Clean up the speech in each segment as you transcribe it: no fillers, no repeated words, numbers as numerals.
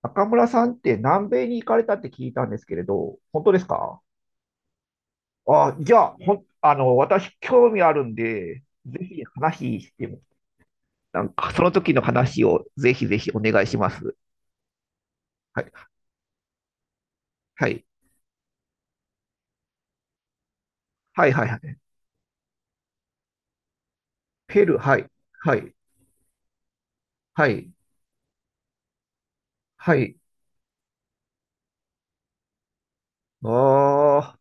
中村さんって南米に行かれたって聞いたんですけれど、本当ですか？あ、じゃあ、ほん、あの、私興味あるんで、ぜひ話しても、なんかその時の話をぜひお願いします。はい、はい、はい、はい、はい。ペルー、はい、はい、はい、はい。ああ、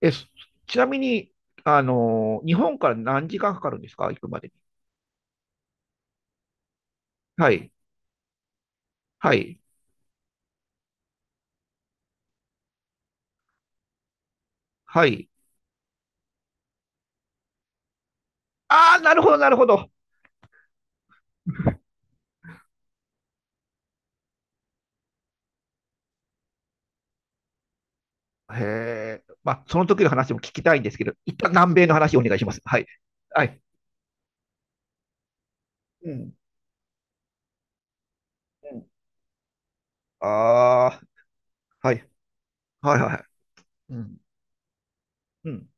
え、そちなみに、あの、日本から何時間かかるんですか、行くまでに？はい、はい、はい。ああ、なるほど、なるほど。へえ。まあ、その時の話も聞きたいんですけど、一旦南米の話をお願いします。はい。はい。うん。うん。ああ、はい。はいはいはい。うん。うん。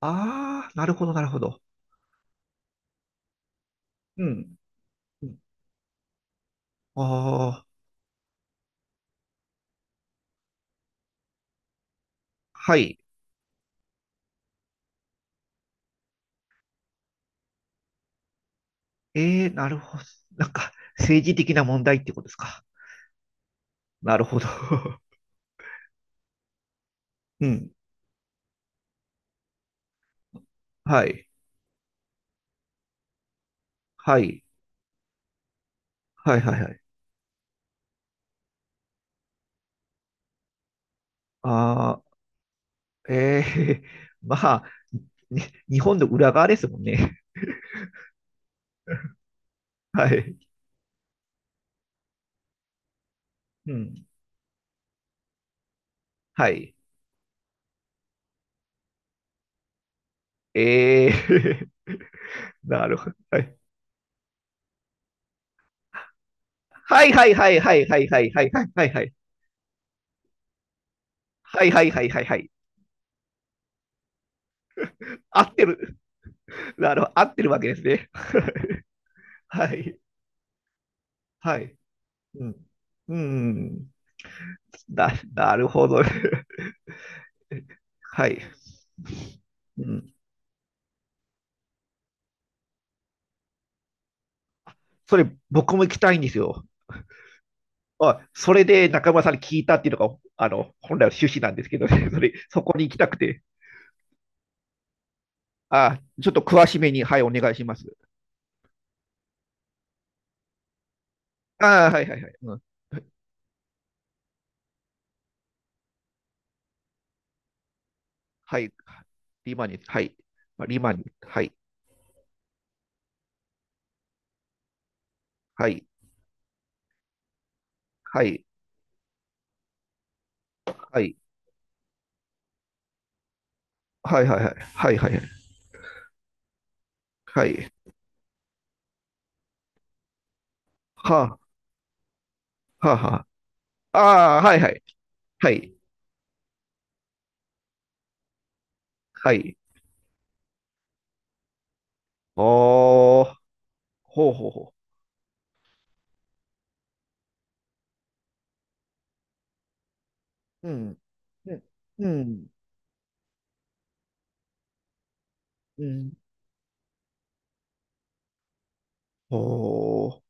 ああ、なるほど、なるほど。うん。うん。ああ、はい。ええ、なるほど。なんか、政治的な問題ってことですか？なるほど。うん。はい。はい。はいはいはい。ああ、ええ、まあ、ね、日本の裏側ですもんね。はい。うん。はい。ええ、 なるほど。はい。はいはいはいはいはいはいはいはいはいはい。はいはいはいはいはい。合ってる。なるほど。合ってるわけですね。はい。はい。うん。うん。な、なるほど。はい。うん。それ、僕も行きたいんですよ。あ、それで中村さんに聞いたっていうのが、あの、本来の趣旨なんですけどね。それ、そこに行きたくて。あ、ちょっと詳しめに、はい、お願いします。ああ、はいはいはい。うん。はい、リマニ、はい、リマニ、はいはい、はい、はい、はいはいはいはいはいはいはあはあはあああはいはいはいはい。おー、ほうほうほう、うん、うん、うん、うん、お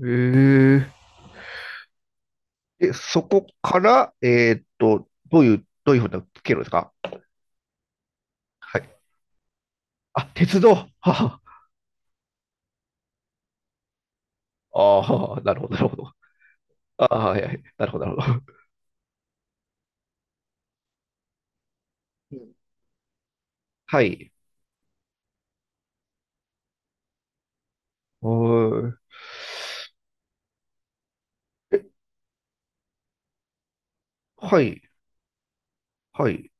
ー、えー、で、そこから、どういうふうな経路ですか？はい。あ、鉄道、はあ、ああ、なるほど、なるほど。ああ、はい、はい、なるほど、なるほど。うん。はい、おー、はい、はい、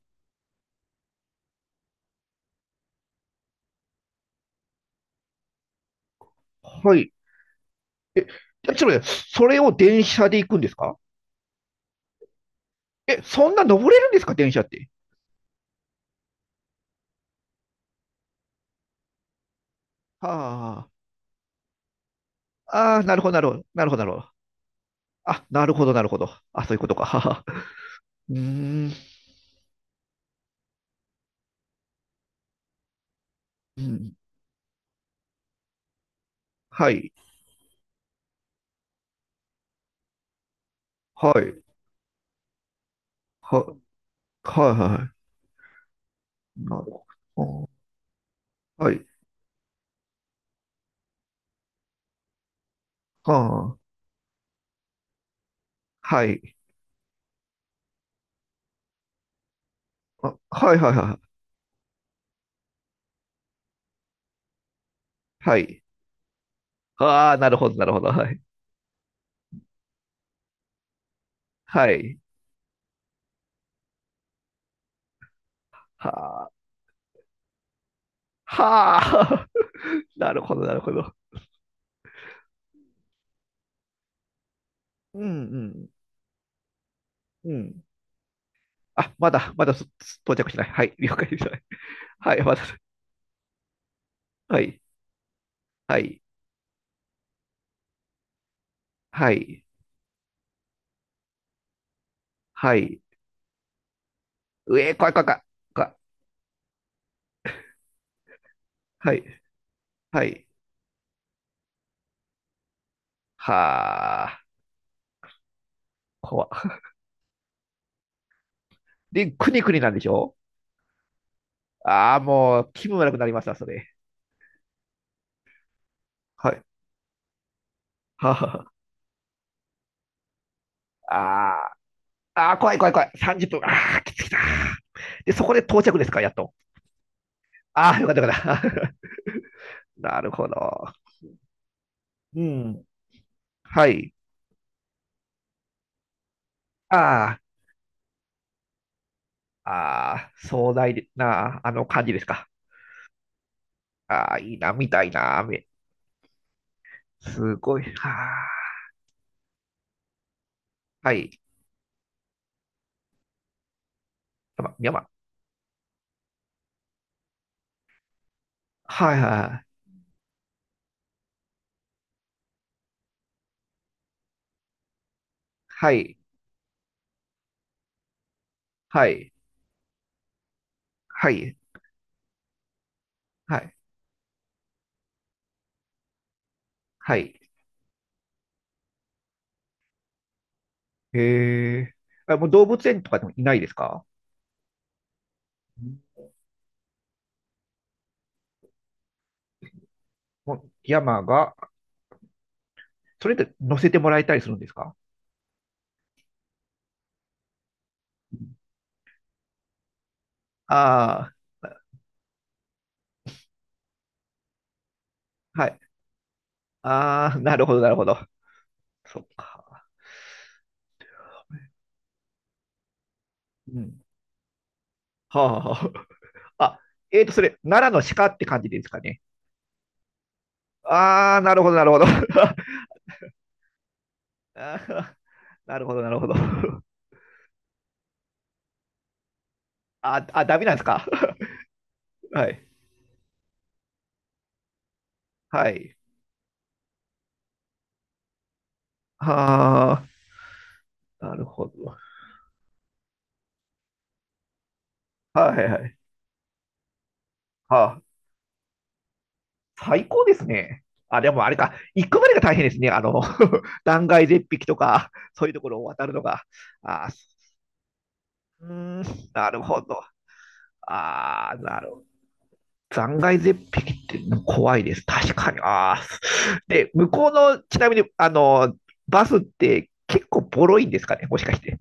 はい。じゃあ、ちょっと待って、それを電車で行くんですか？え、そんな登れるんですか、電車って？はあ、ああ、なるほど、なるほど、なるほど、なるほど。あ、なるほど、なるほど。あ、そういうことか。はは。うーん、うん。はい、はい、は、はい、はい。なるほど。はい、はあ、はい、あ、はい、はい、はい、はい。ああ、なるほど、なるほど。はい、はい。はあ、はあ、なるほど、なるほど。うん、うん、うん。あ、まだ、まだ到着しない。はい、了解です。はい、まだ。はい、はい、はい、はい。うえ、怖い怖い怖い、怖い。はい、はい。はあ、怖い。で、くにくになんでしょ？ああ、もう気分悪くなりました、それ。はい。はあ、あー、あー、怖い怖い怖い。30分。ああ、きつきた。で、そこで到着ですか、やっと？ああ、よかったよかった。なるほど。うん。はい。ああ、ああ、壮大な、あの感じですか？ああ、いいな、みたいな雨。すごい。はあ。はい。山山。はいはいはい。はい。はい。はい。はい。へえ。あ、もう動物園とかでもいないですか？うん。もう山が、それで乗せてもらえたりするんですか？ああー、はい。ああ、なるほど、なるほど。そっか。うん。はあ。はあ、あ、えーと、それ、奈良の鹿って感じですかね？ああ、なるほど、なるほど。あー、なるほど、なるほど。あ、あ、ダメなんですか？ はい。はい。はあ、なるほど。はいはい。はあ、最高ですね。あ、でもあれか、行くまでが大変ですね。あの、断崖絶壁とか、そういうところを渡るのが。あ、うーん、なるほど。ああ、なるほど。断崖絶壁って怖いです。確かに。ああ。で、向こうの、ちなみに、あの、バスって結構ボロいんですかね、もしかして？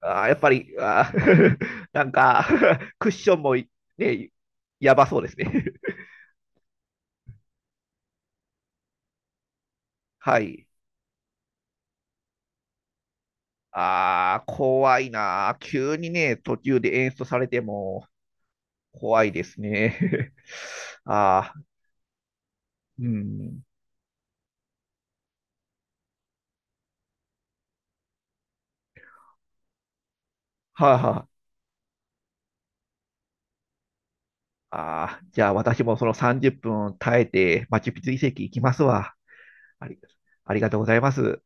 あーやっぱり、あー、 なんか クッションもい、ね、やばそうですね。はい。ああ、怖いなー。急にね、途中で演出されても怖いですね。ああ、うん。はあ、はあ、あー、じゃあ私もその30分耐えて、マチュピチュ遺跡行きますわ。あり、ありがとうございます。